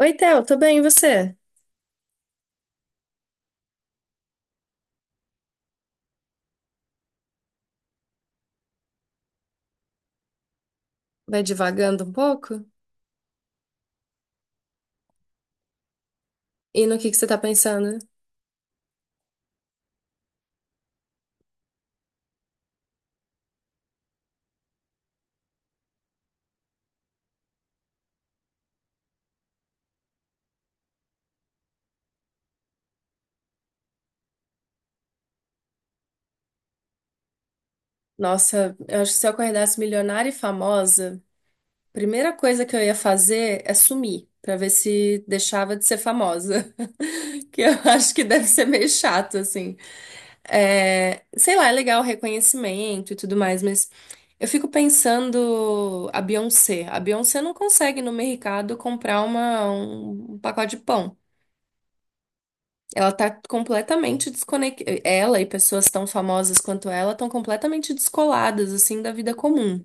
Oi, Theo, tô bem, e você? Vai divagando um pouco? E no que você tá pensando? Nossa, eu acho que se eu acordasse milionária e famosa, a primeira coisa que eu ia fazer é sumir, pra ver se deixava de ser famosa. Que eu acho que deve ser meio chato, assim. É, sei lá, é legal o reconhecimento e tudo mais, mas eu fico pensando a Beyoncé. A Beyoncé não consegue no mercado comprar uma, um pacote de pão. Ela tá completamente desconectada. Ela e pessoas tão famosas quanto ela estão completamente descoladas, assim, da vida comum.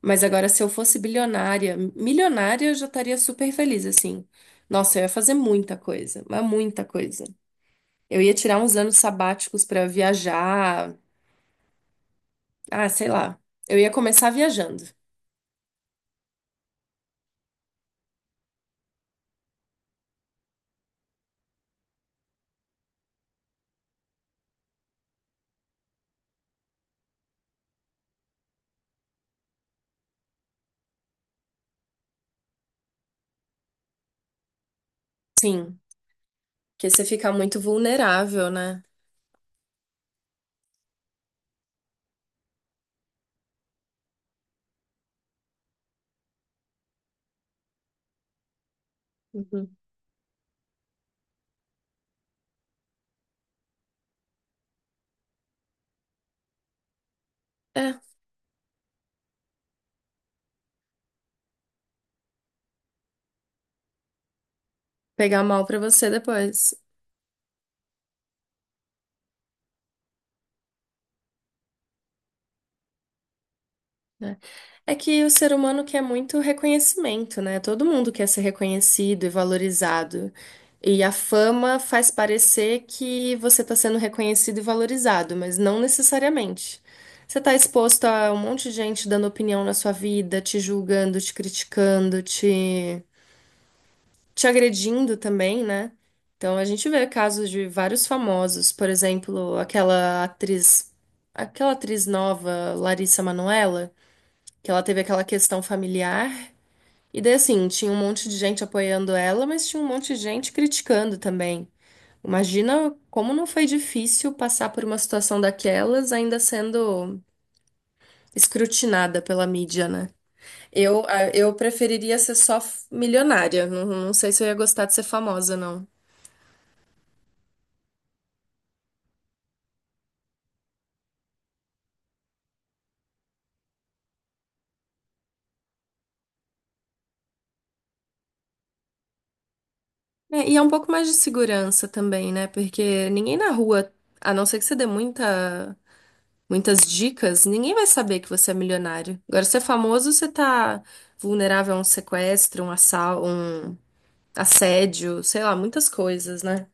Mas agora, se eu fosse bilionária, milionária, eu já estaria super feliz, assim. Nossa, eu ia fazer muita coisa, mas muita coisa. Eu ia tirar uns anos sabáticos pra viajar. Ah, sei lá. Eu ia começar viajando. Sim, porque você fica muito vulnerável, né? Uhum. É, pegar mal pra você depois. Né? É que o ser humano quer muito reconhecimento, né? Todo mundo quer ser reconhecido e valorizado. E a fama faz parecer que você está sendo reconhecido e valorizado, mas não necessariamente. Você está exposto a um monte de gente dando opinião na sua vida, te julgando, te criticando, te agredindo também, né? Então a gente vê casos de vários famosos, por exemplo, aquela atriz nova, Larissa Manoela, que ela teve aquela questão familiar. E daí, assim, tinha um monte de gente apoiando ela, mas tinha um monte de gente criticando também. Imagina como não foi difícil passar por uma situação daquelas, ainda sendo escrutinada pela mídia, né? Eu preferiria ser só milionária. Não, não sei se eu ia gostar de ser famosa, não. É, e é um pouco mais de segurança também, né? Porque ninguém na rua, a não ser que você dê muitas dicas, ninguém vai saber que você é milionário. Agora, se é famoso, você tá vulnerável a um sequestro, um um assédio, sei lá, muitas coisas, né?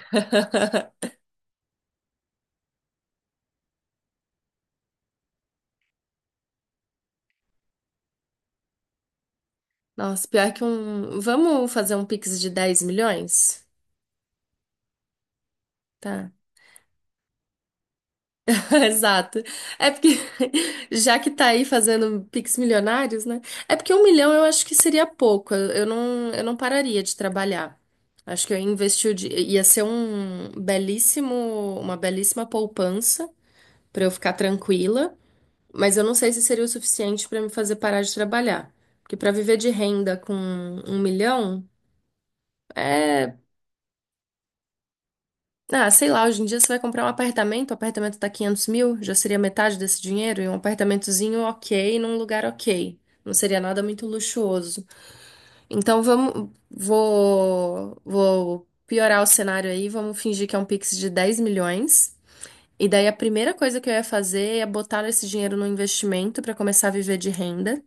Nossa, pior que um. Vamos fazer um Pix de 10 milhões? Tá. Exato. É porque, já que tá aí fazendo Pix milionários, né? É porque 1 milhão eu acho que seria pouco. Eu não pararia de trabalhar. Acho que eu investi, o di- ia ser um belíssimo, uma belíssima poupança pra eu ficar tranquila, mas eu não sei se seria o suficiente pra me fazer parar de trabalhar. Porque pra viver de renda com 1 milhão, ah, sei lá, hoje em dia você vai comprar um apartamento, o apartamento tá 500 mil, já seria metade desse dinheiro, e um apartamentozinho ok, num lugar ok. Não seria nada muito luxuoso. Então vou piorar o cenário aí, vamos fingir que é um Pix de 10 milhões. E daí a primeira coisa que eu ia fazer é botar esse dinheiro no investimento para começar a viver de renda.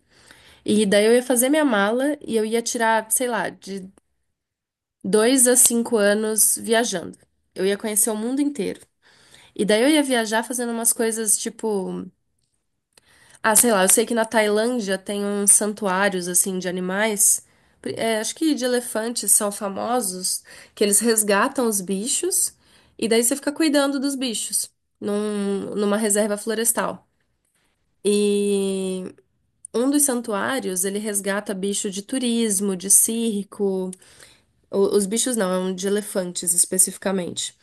E daí eu ia fazer minha mala e eu ia tirar, sei lá, de 2 a 5 anos viajando. Eu ia conhecer o mundo inteiro. E daí eu ia viajar fazendo umas coisas tipo. Ah, sei lá, eu sei que na Tailândia tem uns santuários, assim, de animais. É, acho que de elefantes são famosos, que eles resgatam os bichos e daí você fica cuidando dos bichos numa reserva florestal. E um dos santuários, ele resgata bicho de turismo, de circo. Os bichos não, é um de elefantes especificamente.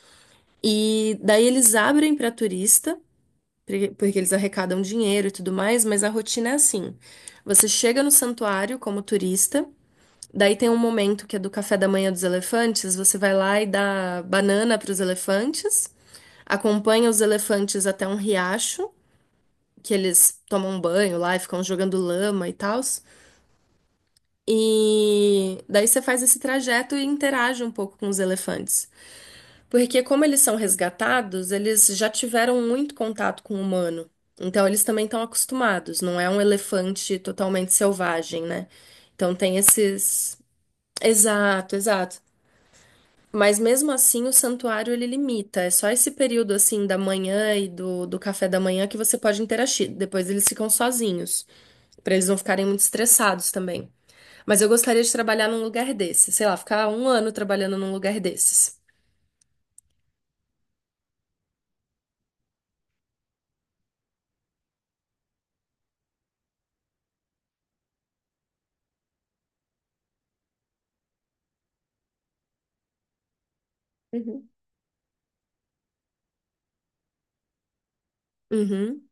E daí eles abrem para turista. Porque eles arrecadam dinheiro e tudo mais, mas a rotina é assim. Você chega no santuário como turista, daí tem um momento que é do café da manhã dos elefantes, você vai lá e dá banana para os elefantes, acompanha os elefantes até um riacho, que eles tomam banho lá e ficam jogando lama e tal. E daí você faz esse trajeto e interage um pouco com os elefantes. Porque como eles são resgatados, eles já tiveram muito contato com o humano. Então eles também estão acostumados, não é um elefante totalmente selvagem, né? Então tem esses. Exato, exato. Mas mesmo assim o santuário ele limita. É só esse período assim da manhã e do café da manhã que você pode interagir. Depois eles ficam sozinhos, para eles não ficarem muito estressados também. Mas eu gostaria de trabalhar num lugar desse, sei lá, ficar um ano trabalhando num lugar desses. Uhum. Uhum,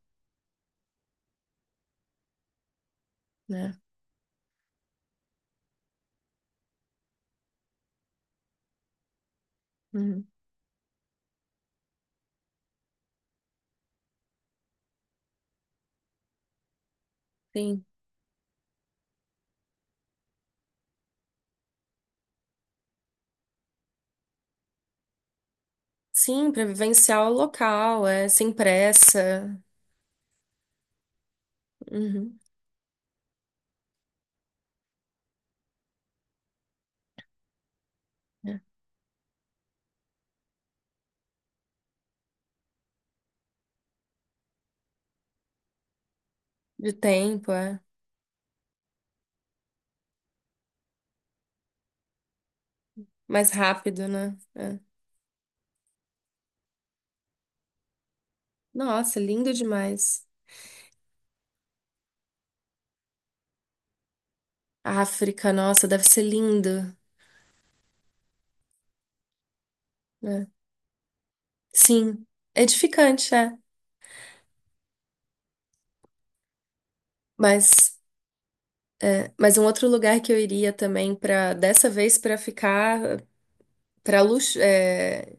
né? Sim, sim, para vivenciar o local, é sem pressa, uhum, é. De tempo, é mais rápido, né? É. Nossa, lindo demais. África, nossa, deve ser lindo, né? Sim, edificante, é. Mas, é, mas um outro lugar que eu iria também para dessa vez para ficar para luxo, é,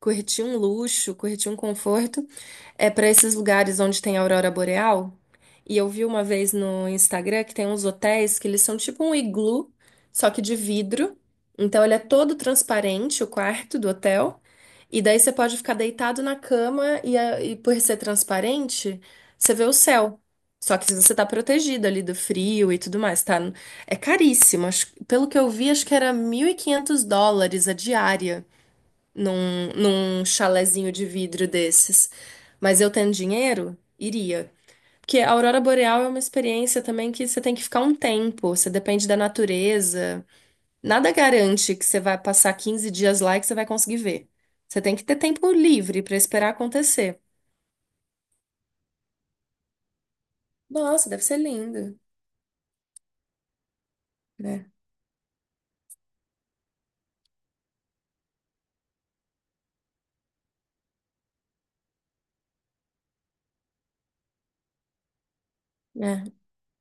curtir um luxo, curtir um conforto, é para esses lugares onde tem aurora boreal. E eu vi uma vez no Instagram que tem uns hotéis que eles são tipo um iglu, só que de vidro. Então ele é todo transparente, o quarto do hotel. E daí você pode ficar deitado na cama e, e por ser transparente, você vê o céu. Só que você tá protegido ali do frio e tudo mais, tá? É caríssimo. Pelo que eu vi, acho que era US$ 1.500 a diária num chalezinho de vidro desses. Mas eu tendo dinheiro, iria. Porque a aurora boreal é uma experiência também que você tem que ficar um tempo, você depende da natureza. Nada garante que você vai passar 15 dias lá e que você vai conseguir ver. Você tem que ter tempo livre para esperar acontecer. Nossa, deve ser lindo, né? É.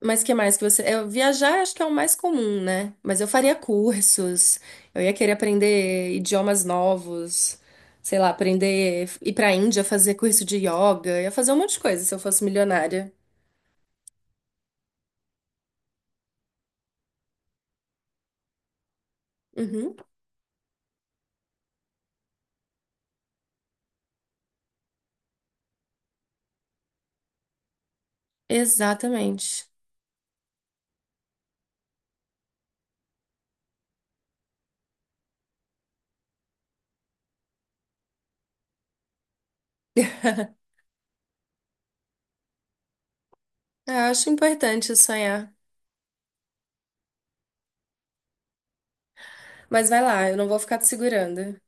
Mas que mais que você. Eu, viajar acho que é o mais comum, né? Mas eu faria cursos, eu ia querer aprender idiomas novos, sei lá, aprender, ir pra Índia fazer curso de yoga, eu ia fazer um monte de coisa se eu fosse milionária. Uhum, exatamente. Eu acho importante sonhar. Mas vai lá, eu não vou ficar te segurando.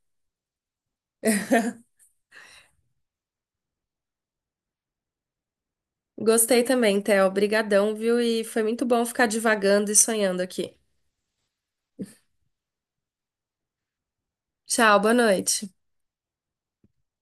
Gostei também, Theo. Obrigadão, viu? E foi muito bom ficar divagando e sonhando aqui. Tchau, boa noite.